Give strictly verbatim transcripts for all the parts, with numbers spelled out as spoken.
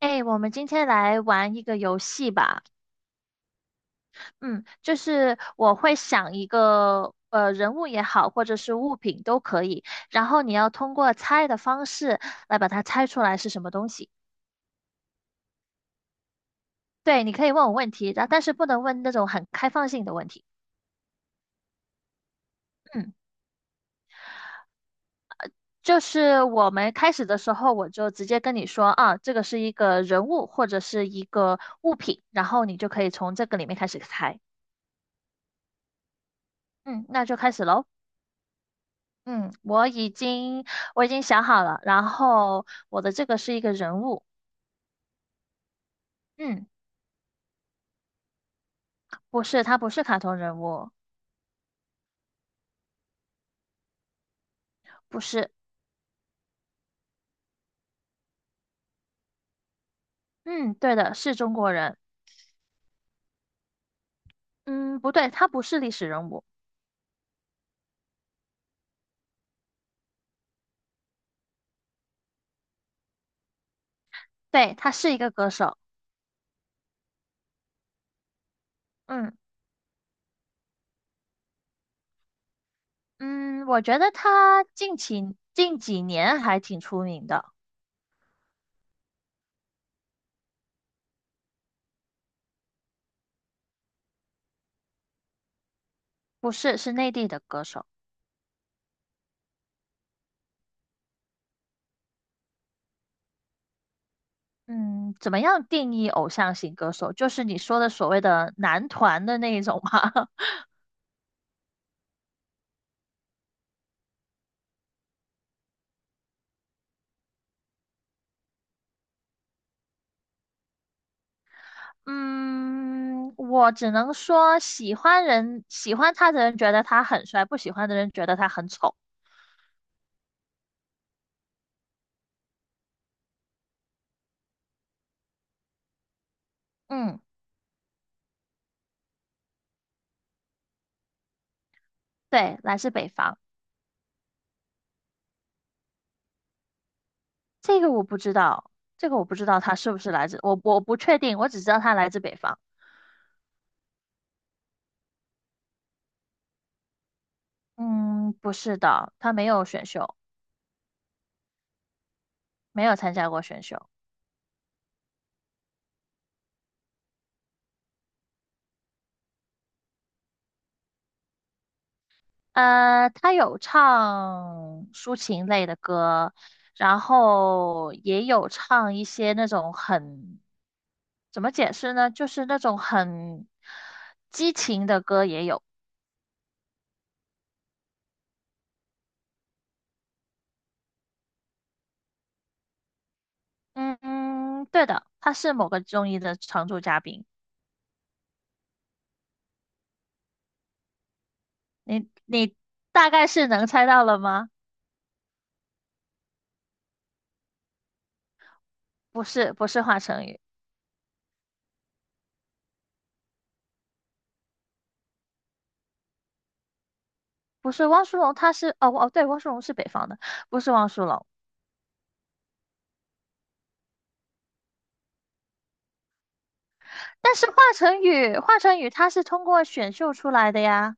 哎，我们今天来玩一个游戏吧。嗯，就是我会想一个呃人物也好，或者是物品都可以，然后你要通过猜的方式来把它猜出来是什么东西。对，你可以问我问题，然但是不能问那种很开放性的问题。嗯，就是我们开始的时候，我就直接跟你说啊，这个是一个人物或者是一个物品，然后你就可以从这个里面开始猜。嗯，那就开始喽。嗯，我已经我已经想好了，然后我的这个是一个人物，嗯，不是，他不是卡通人物，不是，嗯，对的，是中国人，嗯，不对，他不是历史人物，对，他是一个歌手，嗯嗯，我觉得他近期近几年还挺出名的，不是，是内地的歌手，嗯，怎么样定义偶像型歌手？就是你说的所谓的男团的那一种吗？嗯，我只能说喜欢人，喜欢他的人觉得他很帅，不喜欢的人觉得他很丑。嗯，对，来自北方，这个我不知道，这个我不知道他是不是来自，我我不确定，我只知道他来自北方。嗯，不是的，他没有选秀，没有参加过选秀。呃，他有唱抒情类的歌，然后也有唱一些那种很，怎么解释呢？就是那种很激情的歌也有。嗯嗯，对的，他是某个综艺的常驻嘉宾。你你大概是能猜到了吗？不是，不是华晨宇，不是汪苏泷，他是哦哦，对，汪苏泷是北方的，不是汪苏泷。但是华晨宇，华晨宇他是通过选秀出来的呀，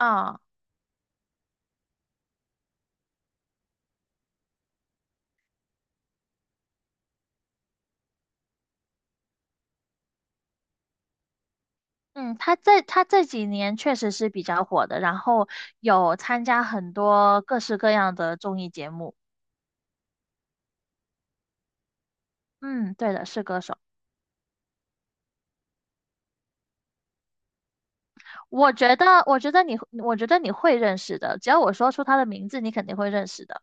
啊、嗯，他这他这几年确实是比较火的，然后有参加很多各式各样的综艺节目。嗯，对的，是歌手。我觉得，我觉得你，我觉得你会认识的，只要我说出他的名字，你肯定会认识的。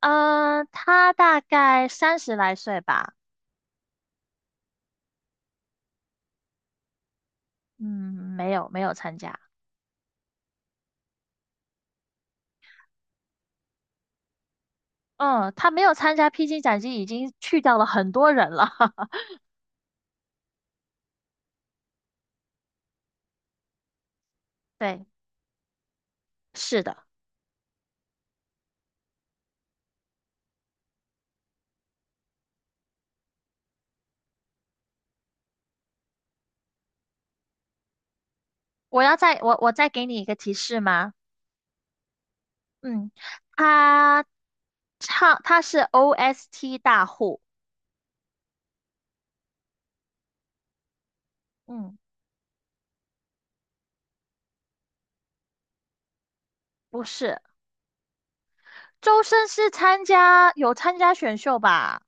嗯、他大概三十来岁吧。嗯，没有没有参加。嗯，他没有参加《披荆斩棘》，已经去掉了很多人了。对，是的。我要再我我再给你一个提示吗？嗯，他唱他是 O S T 大户，嗯，不是，周深是参加有参加选秀吧？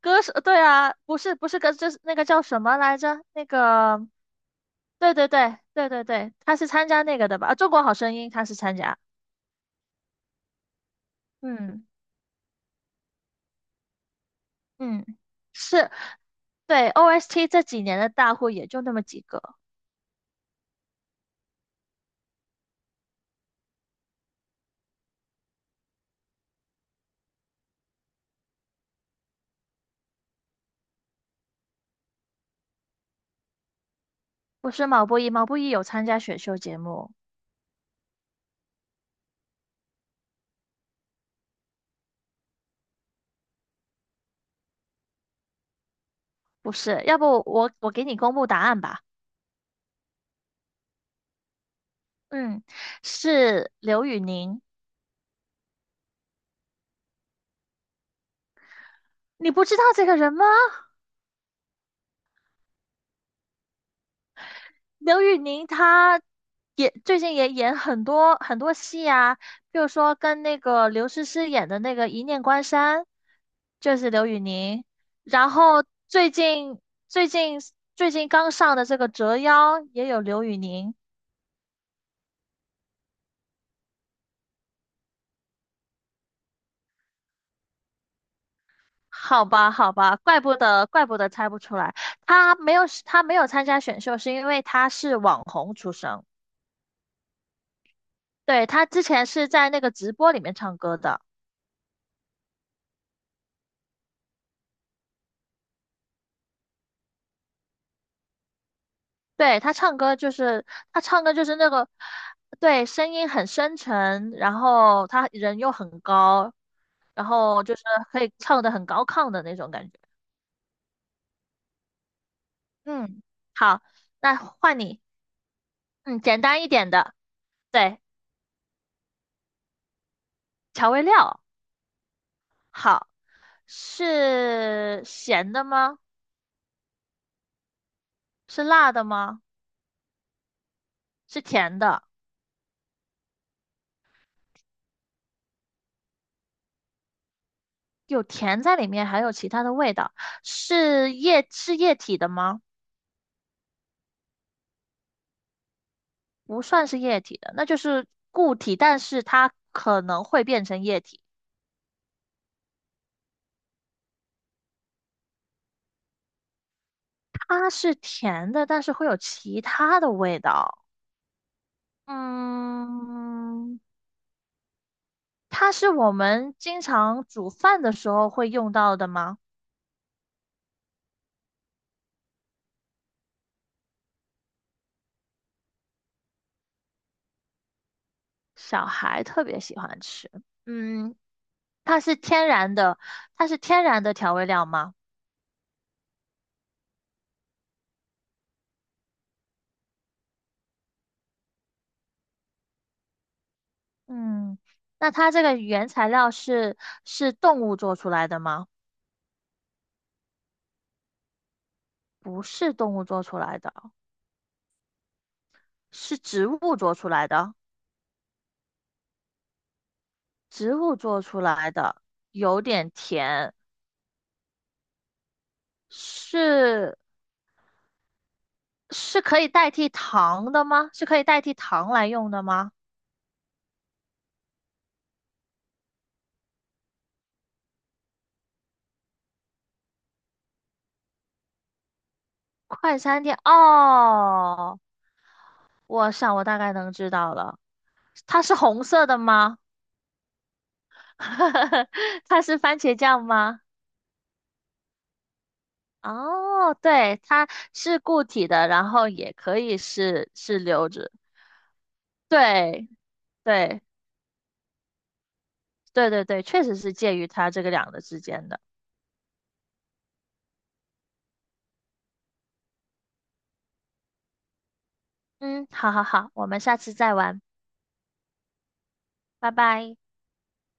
歌手，对啊，不是不是歌，就是那个叫什么来着？那个，对对对对对对，他是参加那个的吧？啊，中国好声音他是参加，嗯嗯，是对 O S T 这几年的大户也就那么几个，不是毛不易，毛不易有参加选秀节目，不是，要不我我给你公布答案吧。嗯，是刘宇宁。你不知道这个人吗？刘宇宁他也最近也演很多很多戏啊，比如说跟那个刘诗诗演的那个《一念关山》，就是刘宇宁。然后最近最近最近刚上的这个《折腰》也有刘宇宁。好吧，好吧，怪不得怪不得猜不出来，他没有他没有参加选秀，是因为他是网红出身。对，他之前是在那个直播里面唱歌的，对，他唱歌就是他唱歌就是那个，对，声音很深沉，然后他人又很高，然后就是可以唱的很高亢的那种感觉。嗯，好，那换你，嗯，简单一点的，对，调味料，好，是咸的吗？是辣的吗？是甜的，有甜在里面，还有其他的味道，是液是液体的吗？不算是液体的，那就是固体，但是它可能会变成液体。它是甜的，但是会有其他的味道。嗯，它是我们经常煮饭的时候会用到的吗？小孩特别喜欢吃。嗯，它是天然的，它是天然的调味料吗？嗯，那它这个原材料是是动物做出来的吗？不是动物做出来的，是植物做出来的。植物做出来的，有点甜，是是可以代替糖的吗？是可以代替糖来用的吗？快餐店哦，我想我大概能知道了，它是红色的吗？它是番茄酱吗？哦，对，它是固体的，然后也可以是是流质，对对对对对，确实是介于它这个两个之间的。嗯，好好好，我们下次再玩，拜拜。